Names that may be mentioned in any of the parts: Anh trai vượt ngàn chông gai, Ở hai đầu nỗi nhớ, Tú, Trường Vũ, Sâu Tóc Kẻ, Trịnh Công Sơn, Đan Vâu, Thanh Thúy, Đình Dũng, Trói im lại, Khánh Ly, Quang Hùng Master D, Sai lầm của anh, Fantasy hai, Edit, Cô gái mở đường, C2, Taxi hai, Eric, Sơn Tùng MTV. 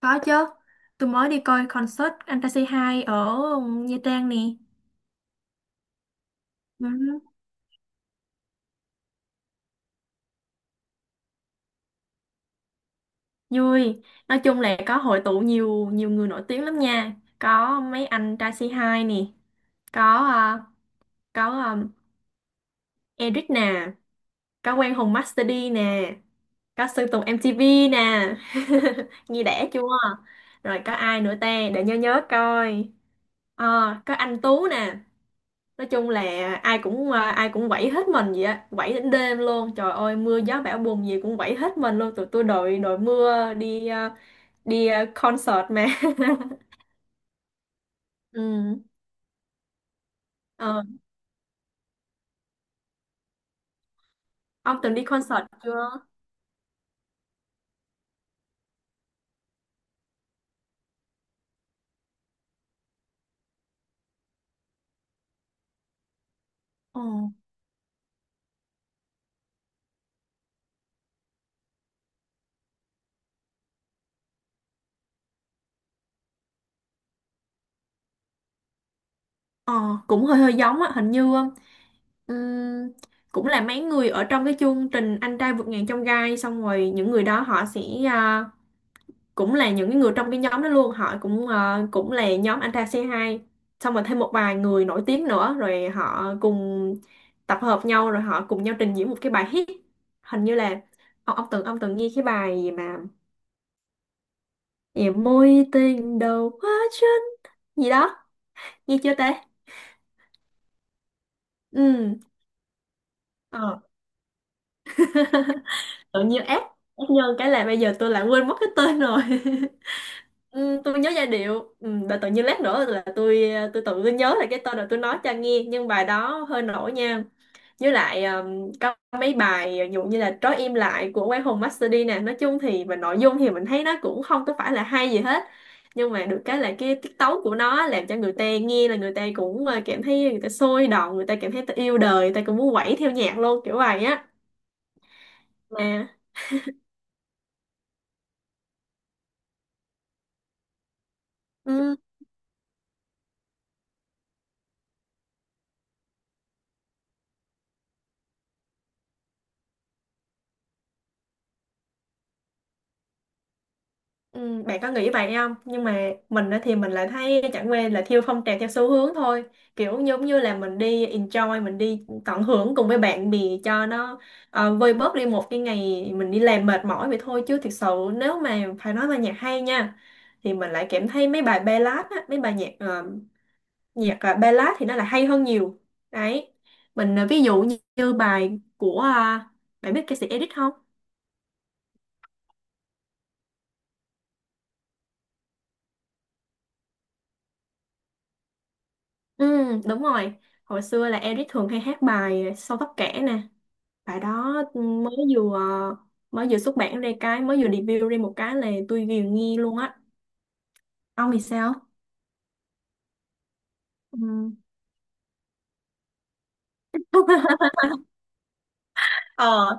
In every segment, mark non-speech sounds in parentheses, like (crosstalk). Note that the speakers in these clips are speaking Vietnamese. Có chứ. Tôi mới đi coi concert Fantasy hai ở Nha Trang nè. Ừ. Vui. Nói chung là có hội tụ nhiều nhiều người nổi tiếng lắm nha. Có mấy anh Taxi hai nè, có ờ, có Eric nè, có Quang Hùng Master D nè, có Sơn Tùng MTV nè. (laughs) Nghe đẻ chưa? Rồi có ai nữa ta, để nhớ nhớ coi. Ờ, có anh Tú nè. Nói chung là ai cũng quẩy hết mình vậy á, quẩy đến đêm luôn. Trời ơi, mưa gió bão bùng gì cũng quẩy hết mình luôn. Tụi tôi đội đội mưa concert mà. (laughs) Ừ. ờ ông từng đi concert chưa? Ờ ờ cũng hơi hơi giống á, hình như ừm, cũng là mấy người ở trong cái chương trình Anh trai vượt ngàn chông gai, xong rồi những người đó họ sẽ, ờ, cũng là những cái người trong cái nhóm đó luôn. Họ cũng, cũng là nhóm anh trai C2, xong rồi thêm một vài người nổi tiếng nữa rồi họ cùng tập hợp nhau rồi họ cùng nhau trình diễn một cái bài hit. Hình như là ông từng nghe cái bài gì mà gì mối tình đầu quá chân gì đó, nghe chưa ta? Ừ. ờ, tự nhiên ép ép nhân cái là bây giờ tôi lại quên mất cái tên rồi. (laughs) Ừ, tôi nhớ giai điệu. Ừ, và tự nhiên lát nữa là tôi nhớ lại cái tên rồi tôi nói cho nghe. Nhưng bài đó hơi nổi nha. Với lại có mấy bài ví dụ như là Trói im lại của Quang Hùng Master D nè. Nói chung thì về nội dung thì mình thấy nó cũng không có phải là hay gì hết, nhưng mà được cái là cái tiết tấu của nó làm cho người ta nghe là người ta cũng, cảm thấy người ta sôi động, người ta cảm thấy ta yêu đời, người ta cũng muốn quẩy theo nhạc luôn, kiểu vậy á. À. Ừ. Ừ, bạn có nghĩ vậy không? Nhưng mà mình á thì mình lại thấy chẳng qua là theo phong trào theo xu hướng thôi. Kiểu giống như là mình đi enjoy, mình đi tận hưởng cùng với bạn bè cho nó, vơi bớt đi một cái ngày mình đi làm mệt mỏi vậy thôi. Chứ thực sự, nếu mà phải nói là nhạc hay nha, thì mình lại cảm thấy mấy bài ballad á, mấy bài nhạc ballad thì nó là hay hơn nhiều. Đấy. Mình, ví dụ như bài của, bạn biết ca sĩ Edit không? Ừ, đúng rồi. Hồi xưa là Eric thường hay hát bài Sâu Tóc Kẻ nè. Bài đó mới vừa xuất bản ra cái, mới vừa debut ra một cái là tôi ghiền nghe luôn á. Ông thì sao? Ừ. (laughs) Ờ.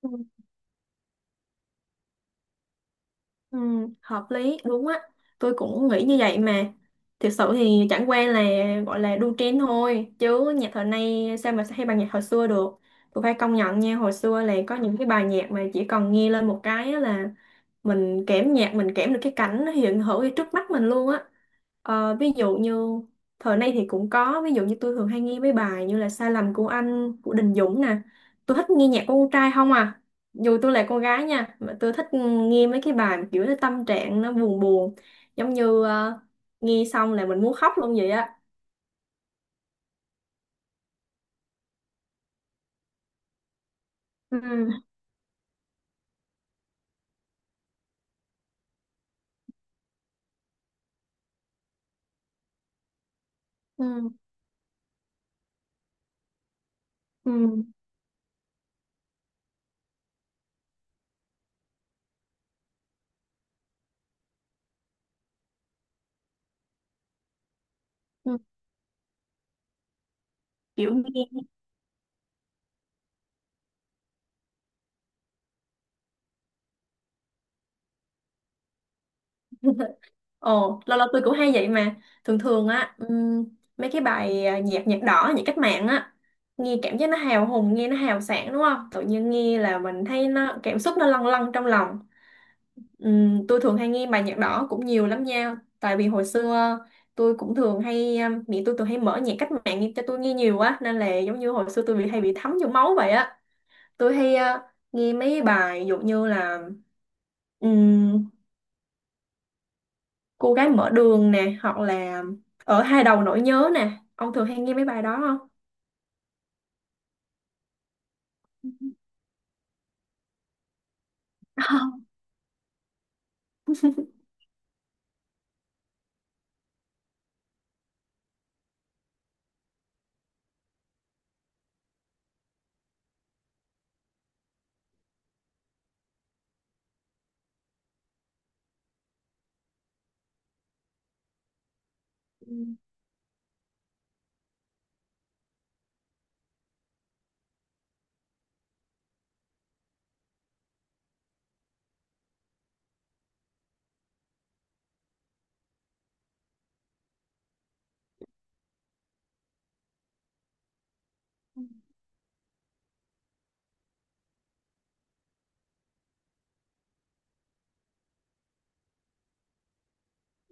Ừ. Ừ, hợp lý đúng á, tôi cũng nghĩ như vậy mà. Thực sự thì chẳng qua là gọi là đu trend thôi, chứ nhạc thời nay sao mà hay bằng nhạc hồi xưa được. Tôi phải công nhận nha, hồi xưa là có những cái bài nhạc mà chỉ cần nghe lên một cái á là mình kẽm nhạc, mình kẽm được cái cảnh nó hiện hữu ngay trước mắt mình luôn á. Ví dụ như thời nay thì cũng có. Ví dụ như tôi thường hay nghe mấy bài như là Sai lầm của anh của Đình Dũng nè. Tôi thích nghe nhạc của con trai không à, dù tôi là con gái nha, mà tôi thích nghe mấy cái bài mà kiểu nó tâm trạng nó buồn buồn, giống như, nghe xong là mình muốn khóc luôn vậy á. Ừ, ừ, ừ, ừ, kiểu nghe. (laughs) Ồ, lâu lâu tôi cũng hay vậy mà. Thường thường á, mấy cái bài, nhạc nhạc đỏ, nhạc cách mạng á, nghe cảm giác nó hào hùng, nghe nó hào sảng đúng không? Tự nhiên nghe là mình thấy nó cảm xúc nó lâng lâng trong lòng. Tôi thường hay nghe bài nhạc đỏ cũng nhiều lắm nha. Tại vì hồi xưa tôi cũng thường hay, mẹ tôi thường hay mở nhạc cách mạng cho tôi nghe nhiều quá nên là giống như hồi xưa tôi bị hay bị thấm vô máu vậy á. Tôi hay, nghe mấy bài ví dụ như là, ừm, cô gái mở đường nè, hoặc là ở hai đầu nỗi nhớ nè. Ông thường hay nghe mấy bài đó không?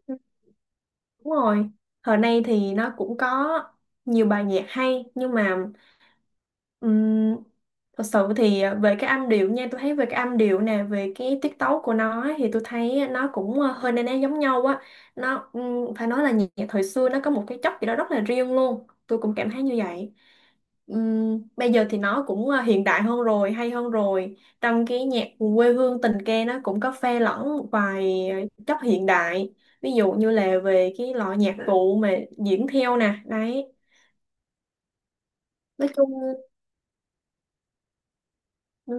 Ừ, đúng rồi. Thời nay thì nó cũng có nhiều bài nhạc hay, nhưng mà ừm, thật sự thì về cái âm điệu nha, tôi thấy về cái âm điệu nè, về cái tiết tấu của nó ấy, thì tôi thấy nó cũng, hơi na ná giống nhau á. Nó, phải nói là nhạc thời xưa nó có một cái chất gì đó rất là riêng luôn. Tôi cũng cảm thấy như vậy. Bây giờ thì nó cũng, hiện đại hơn rồi, hay hơn rồi. Trong cái nhạc quê hương tình ca nó cũng có pha lẫn một vài chất hiện đại, ví dụ như là về cái loại nhạc cụ mà diễn theo nè đấy. Nói chung. Ừ,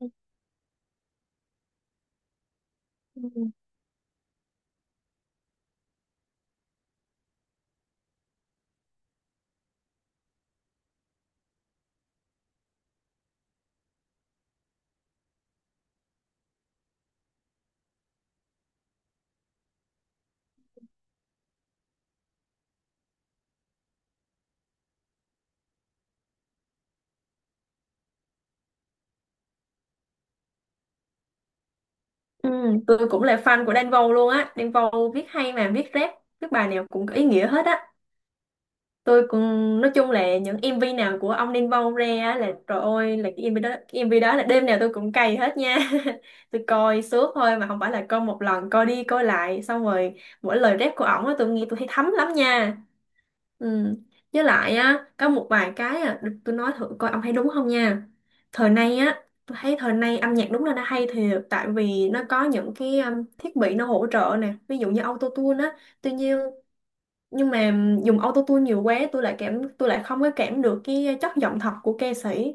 ừ, ừ. Ừ, Ừ, tôi cũng là fan của Đan Vâu luôn á. Đan Vâu viết hay mà viết rap, viết bài nào cũng có ý nghĩa hết á. Tôi cũng, nói chung là những MV nào của ông Đan Vâu ra á là trời ơi, là cái MV đó là đêm nào tôi cũng cày hết nha. (laughs) Tôi coi suốt thôi mà, không phải là coi một lần, coi đi coi lại xong rồi mỗi lời rap của ổng á tôi nghe tôi thấy thấm lắm nha. Ừ. Với lại á, có một vài cái à, được tôi nói thử coi ông thấy đúng không nha. Thời nay á, tôi thấy thời nay âm nhạc đúng là nó hay thiệt, tại vì nó có những cái, thiết bị nó hỗ trợ nè, ví dụ như auto tune á. Tuy nhiên, nhưng mà dùng autotune nhiều quá, tôi lại không có cảm được cái chất giọng thật của ca sĩ.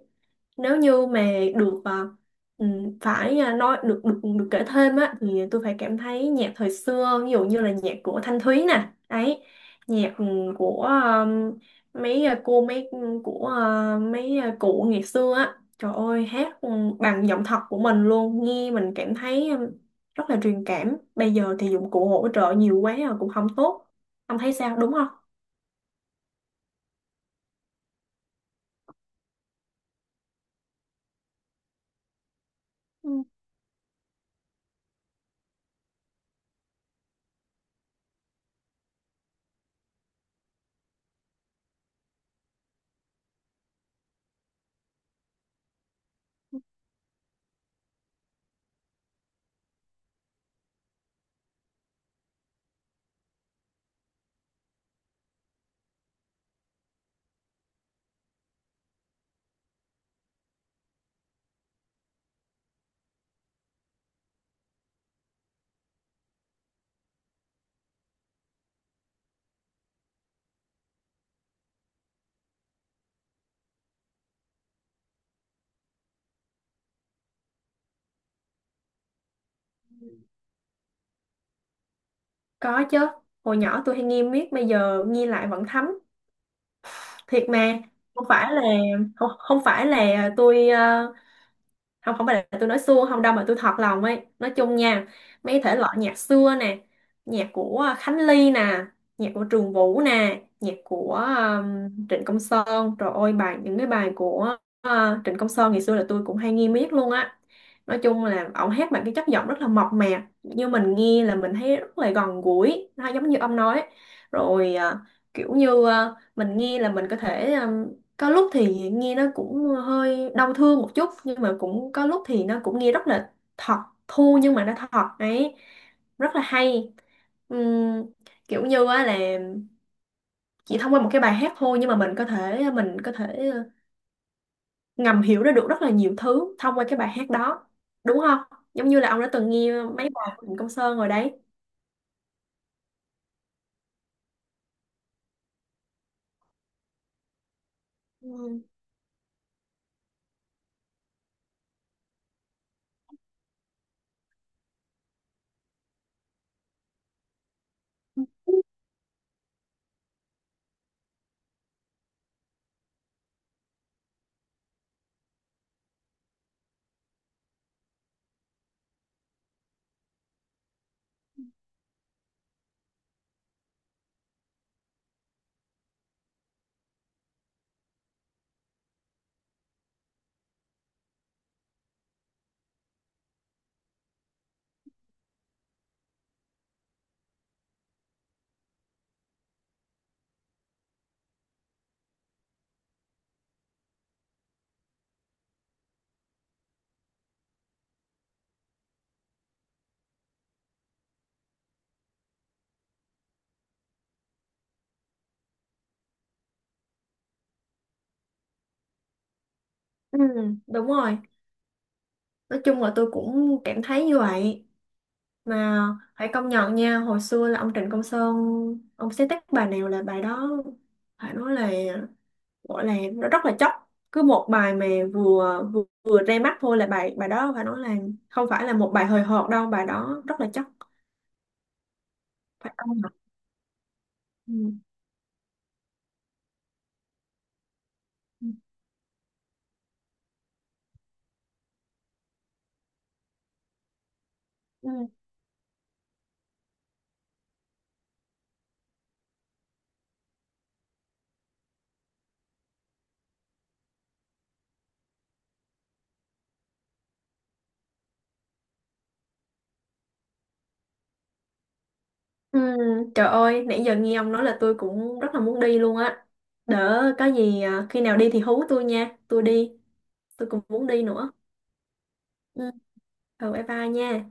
Nếu như mà được, phải, nói được được được kể thêm á, thì tôi phải cảm thấy nhạc thời xưa ví dụ như là nhạc của Thanh Thúy nè ấy. Nhạc, của, mấy, cô mấy của, mấy, cụ ngày xưa á, trời ơi hát, bằng giọng thật của mình luôn, nghe mình cảm thấy, rất là truyền cảm. Bây giờ thì dụng cụ hỗ trợ nhiều quá rồi cũng không tốt. Ông thấy sao, đúng không? Ừ. Có chứ. Hồi nhỏ tôi hay nghiêng miết, bây giờ nghiêng lại vẫn thấm. Thiệt mà, không phải là, không, không phải là tôi, không, không phải là tôi nói suông không đâu, mà tôi thật lòng ấy. Nói chung nha, mấy thể loại nhạc xưa nè, nhạc của Khánh Ly nè, nhạc của Trường Vũ nè, nhạc của, Trịnh Công Sơn, trời ơi bài, những cái bài của uh, Trịnh Công Sơn ngày xưa là tôi cũng hay nghe miết luôn á. Nói chung là ổng hát bằng cái chất giọng rất là mộc mạc, như mình nghe là mình thấy rất là gần gũi, nó giống như ông nói rồi à, kiểu như à, mình nghe là mình có thể, có lúc thì nghe nó cũng hơi đau thương một chút, nhưng mà cũng có lúc thì nó cũng nghe rất là thật, thô nhưng mà nó thật ấy, rất là hay. Ừm, kiểu như á là chỉ thông qua một cái bài hát thôi, nhưng mà mình có thể ngầm hiểu ra được rất là nhiều thứ thông qua cái bài hát đó, đúng không? Giống như là ông đã từng nghe mấy bài của Trịnh Công Sơn rồi đấy. Ừ. Ừ, đúng rồi. Nói chung là tôi cũng cảm thấy như vậy. Mà phải công nhận nha, hồi xưa là ông Trịnh Công Sơn, ông sáng tác bài nào là bài đó phải nói là, gọi là nó rất là chóc. Cứ một bài mà vừa vừa, vừa ra mắt thôi là bài bài đó phải nói là không phải là một bài hời hợt đâu, bài đó rất là chóc, phải công nhận. Ừ. Ừ. Ừ. Ừ, trời ơi, nãy giờ nghe ông nói là tôi cũng rất là muốn đi luôn á. Đỡ có gì à, khi nào đi thì hú tôi nha, tôi đi, tôi cũng muốn đi nữa. Ừ. Ừ, bye bye nha.